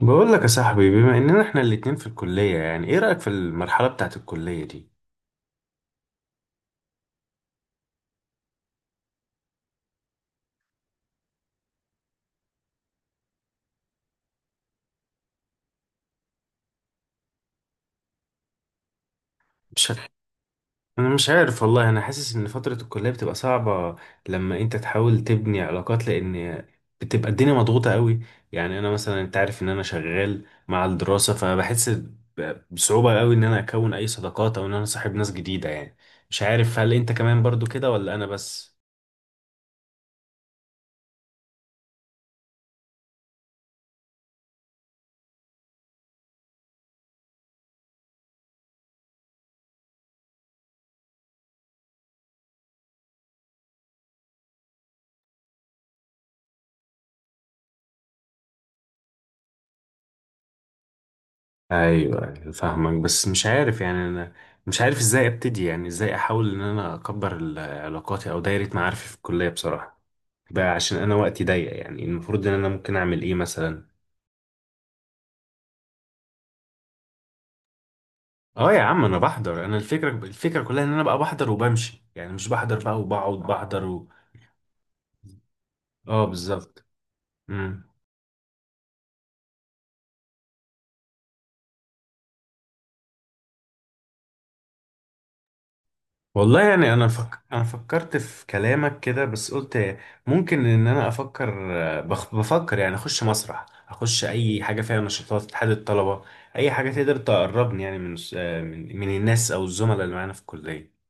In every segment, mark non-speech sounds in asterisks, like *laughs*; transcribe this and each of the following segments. بقول لك يا صاحبي، بما اننا احنا الاتنين في الكلية، يعني ايه رأيك في المرحلة بتاعت الكلية دي؟ مش ه- انا مش عارف والله، انا حاسس ان فترة الكلية بتبقى صعبة لما انت تحاول تبني علاقات، لان بتبقى الدنيا مضغوطة قوي. يعني انا مثلا، انت عارف ان انا شغال مع الدراسة، فبحس بصعوبة قوي ان انا اكون اي صداقات او ان انا صاحب ناس جديدة يعني. مش عارف هل انت كمان برضو كده ولا انا بس؟ ايوه أيوة، فاهمك. بس مش عارف يعني، انا مش عارف ازاي ابتدي، يعني ازاي احاول ان انا اكبر علاقاتي او دايره معارفي في الكليه بصراحه بقى، عشان انا وقتي ضيق، يعني المفروض ان انا ممكن اعمل ايه مثلا؟ اه يا عم، انا بحضر. انا الفكره كلها ان انا بقى بحضر وبمشي، يعني مش بحضر بقى وبقعد بحضر. اه بالظبط. امم. والله يعني انا فك... انا فكرت في كلامك كده بس قلت ممكن ان انا افكر. بفكر يعني اخش مسرح، اخش اي حاجه فيها نشاطات اتحاد الطلبه. اي حاجه تقدر تقربني، يعني من الناس او الزملاء اللي معانا في الكليه.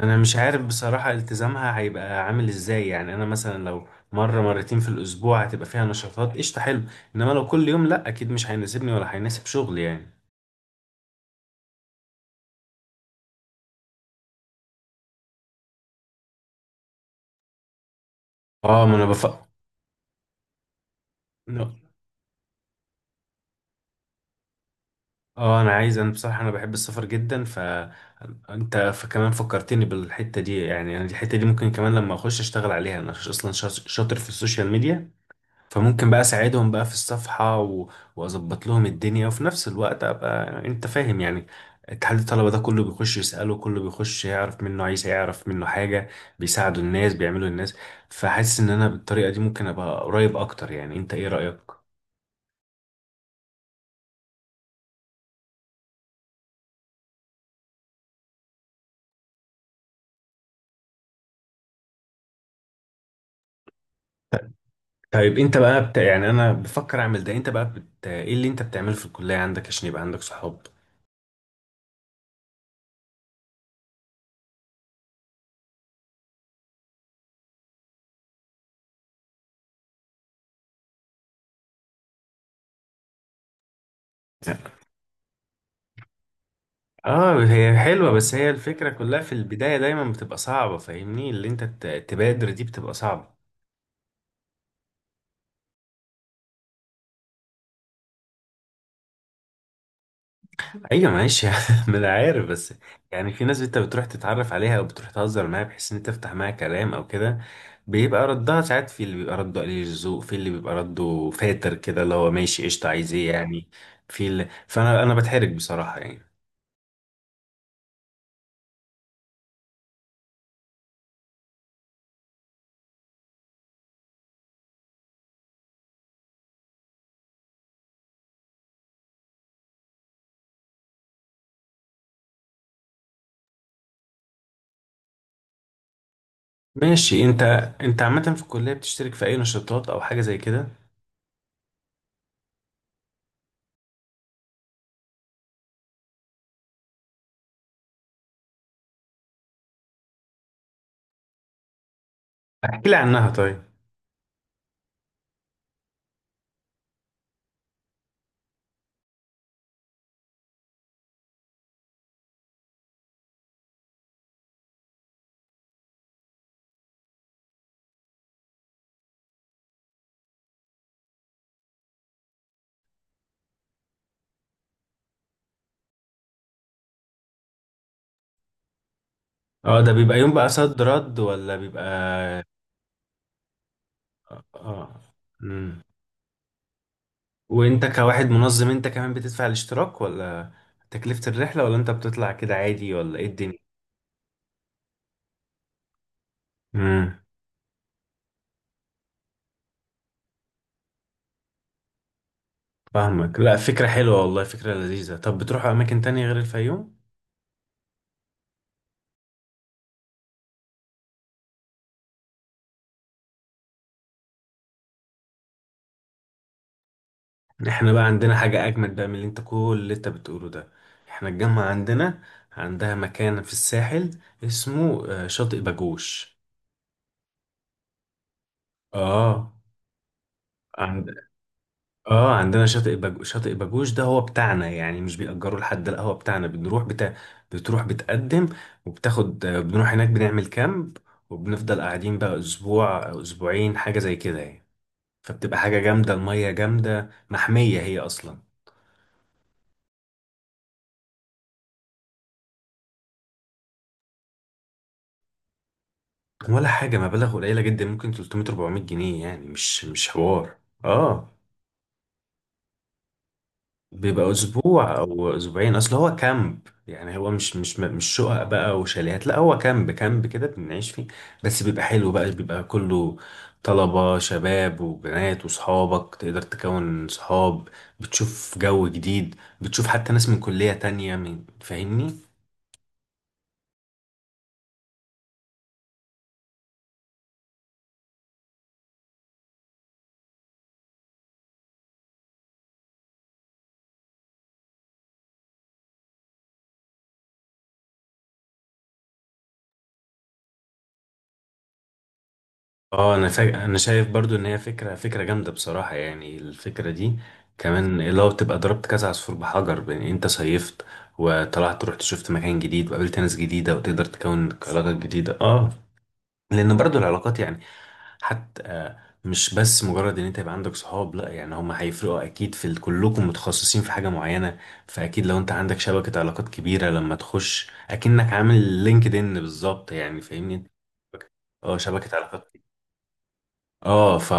انا مش عارف بصراحه التزامها هيبقى عامل ازاي، يعني انا مثلا لو مره مرتين في الاسبوع هتبقى فيها نشاطات، قشطه حلو. انما لو كل يوم لا، اكيد مش هيناسبني ولا هيناسب شغلي يعني. اه، ما انا بفكر. اه انا عايز، انا بصراحه انا بحب السفر جدا، فانت فكمان فكرتني بالحته دي، يعني انا الحته دي ممكن كمان لما اخش اشتغل عليها، انا اصلا شاطر في السوشيال ميديا. فممكن بقى اساعدهم بقى في الصفحه. واظبط لهم الدنيا وفي نفس الوقت ابقى، انت فاهم يعني. اتحاد الطلبه ده كله بيخش يساله، كله بيخش يعرف منه، عايز يعرف منه حاجه، بيساعدوا الناس، بيعملوا الناس. فحاسس ان انا بالطريقه دي ممكن ابقى قريب اكتر، يعني انت ايه رايك؟ طيب، انت بقى يعني انا بفكر اعمل ده، انت بقى ايه اللي انت بتعمله في الكلية عندك عشان يبقى عندك صحاب؟ اه هي حلوة، بس هي الفكرة كلها في البداية دايما بتبقى صعبة، فاهمني؟ اللي انت تبادر دي بتبقى صعبة. ايوه ماشي *laughs* ما انا عارف بس. يعني في ناس انت بتروح تتعرف عليها او بتروح تهزر معاها، بحيث ان انت تفتح معاها كلام او كده. بيبقى ردها ساعات، في اللي بيبقى رده قليل الذوق، في اللي بيبقى رده فاتر كده، اللي هو ماشي قشطة، عايز ايه يعني. فانا بتحرج بصراحة يعني. ماشي انت عامة في الكلية بتشترك في اي نشاطات او حاجة زي كده؟ احكي لي عنها طيب. اه، ده بيبقى يوم بقى صد رد، ولا بيبقى؟ اه. امم. وانت كواحد منظم، انت كمان بتدفع الاشتراك، ولا تكلفة الرحلة، ولا انت بتطلع كده عادي، ولا ايه الدنيا؟ امم. فاهمك. لا فكرة حلوة والله، فكرة لذيذة. طب بتروحوا اماكن تانية غير الفيوم؟ احنا بقى عندنا حاجة أجمل بقى من اللي انت كل اللي انت بتقوله ده. احنا الجامعة عندها مكان في الساحل اسمه شاطئ باجوش. اه عند... اه عندنا شاطئ باجوش ده هو بتاعنا، يعني مش بيأجره لحد، لا هو بتاعنا، بتروح بتقدم وبتاخد، بنروح هناك بنعمل كامب، وبنفضل قاعدين بقى أسبوع أو أسبوعين حاجة زي كده يعني. فبتبقى حاجة جامدة، المية جامدة، محمية هي أصلا. ولا حاجة، مبالغ قليلة جدا، ممكن 300 400 جنيه يعني، مش حوار. اه بيبقى اسبوع او اسبوعين، اصل هو كامب يعني، هو مش شقق بقى وشاليهات، لا هو كامب كامب كده بنعيش فيه. بس بيبقى حلو بقى، بيبقى كله طلبة شباب وبنات، وصحابك تقدر تكون صحاب. بتشوف جو جديد، بتشوف حتى ناس من كلية تانية، فاهمني؟ اه، انا شايف برضو ان هي فكره، فكره جامده بصراحه، يعني الفكره دي. كمان لو تبقى ضربت كذا عصفور بحجر، بان انت صيفت وطلعت، رحت شفت مكان جديد وقابلت ناس جديده وتقدر تكون علاقات جديده، اه. لان برضو العلاقات يعني، حتى مش بس مجرد ان انت يبقى عندك صحاب، لا يعني هم هيفرقوا اكيد في كلكم متخصصين في حاجه معينه. فاكيد لو انت عندك شبكه علاقات كبيره، لما تخش اكنك عامل لينكد ان، بالظبط يعني، فاهمني. اه شبكه علاقات. اه. ف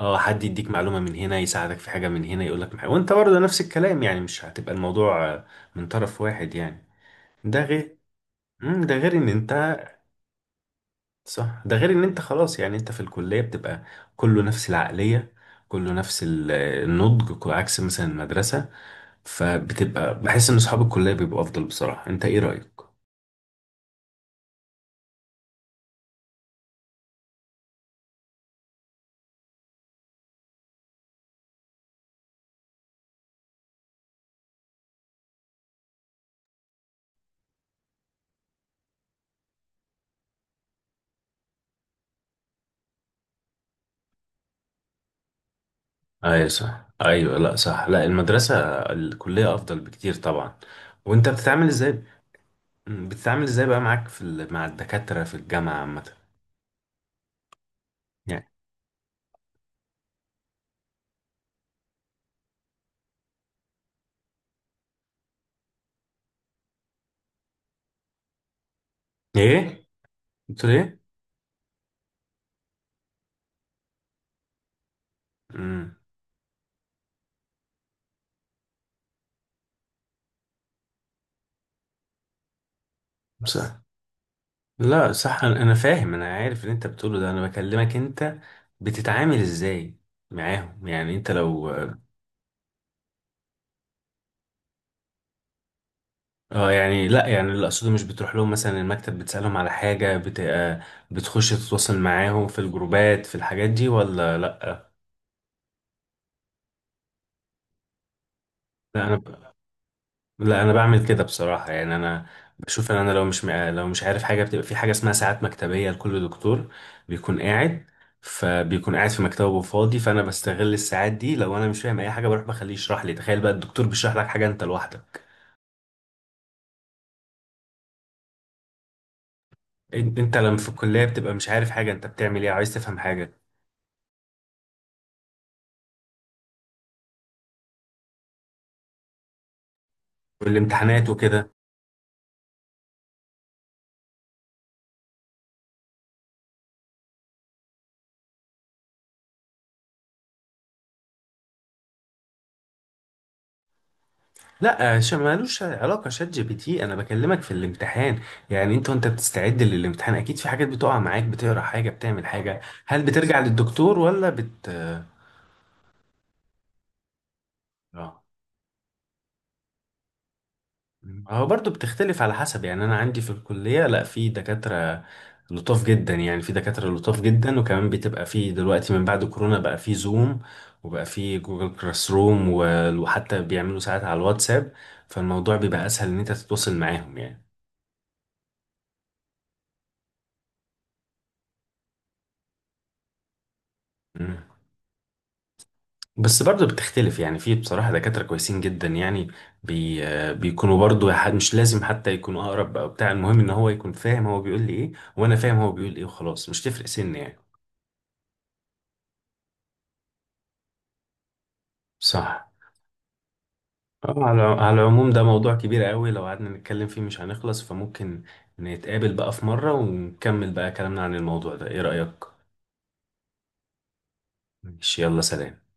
اه حد يديك معلومة من هنا، يساعدك في حاجة من هنا، يقولك محاجة، وانت برضه نفس الكلام، يعني مش هتبقى الموضوع من طرف واحد يعني. ده غير، ده غير ان انت، صح، ده غير ان انت خلاص يعني، انت في الكلية بتبقى كله نفس العقلية، كله نفس النضج، عكس مثلا المدرسة. فبتبقى بحس ان اصحاب الكلية بيبقوا افضل بصراحة، انت ايه رأيك؟ ايوه صح، ايوه لا صح، لا المدرسة، الكلية افضل بكتير طبعا. وانت بتتعامل ازاي؟ بتتعامل ازاي بقى معاك في مع الدكاترة في الجامعة عامة؟ يعني ايه، بتقول ايه؟ امم. بس صح. لا صح، انا فاهم، انا عارف اللي انت بتقوله ده، انا بكلمك، انت بتتعامل ازاي معاهم يعني، انت لو اه؟ يعني لا، يعني اللي اقصده، مش بتروح لهم مثلا المكتب بتسألهم على حاجة بت... آه، بتخش تتواصل معاهم في الجروبات، في الحاجات دي ولا لا؟ لا انا، بعمل كده بصراحه، يعني انا بشوف ان انا لو مش مع... لو مش عارف حاجه، بتبقى في حاجه اسمها ساعات مكتبيه لكل دكتور، بيكون قاعد فبيكون قاعد في مكتبه فاضي، فانا بستغل الساعات دي، لو انا مش فاهم اي حاجه بروح بخليه يشرح لي، تخيل بقى الدكتور بيشرح لك حاجه انت لوحدك. انت لما في الكليه بتبقى مش عارف حاجه، انت بتعمل ايه، عايز تفهم حاجه والامتحانات وكده؟ لا، مالوش علاقة شات جي بي تي، أنا بكلمك في الامتحان. يعني أنت وأنت بتستعد للامتحان، أكيد في حاجات بتقع معاك، بتقرأ حاجة، بتعمل حاجة، هل بترجع للدكتور ولا بت آه هو برضه بتختلف على حسب، يعني أنا عندي في الكلية، لا في دكاترة لطاف جدا، يعني في دكاترة لطاف جدا، وكمان بتبقى في دلوقتي من بعد كورونا، بقى في زوم، وبقى في جوجل كلاس روم وحتى بيعملوا ساعات على الواتساب، فالموضوع بيبقى أسهل إن أنت تتواصل معاهم يعني. بس برضه بتختلف يعني، في بصراحة دكاترة كويسين جدا يعني، بي آه، بيكونوا برضه مش لازم حتى يكونوا أقرب أو بتاع، المهم إن هو يكون فاهم هو بيقول لي إيه، وأنا فاهم هو بيقول إيه، وخلاص مش تفرق سن يعني. صح. على العموم ده موضوع كبير قوي، لو قعدنا نتكلم فيه مش هنخلص، فممكن نتقابل بقى في مرة ونكمل بقى كلامنا عن الموضوع ده، إيه رأيك؟ ماشي، يلا سلام.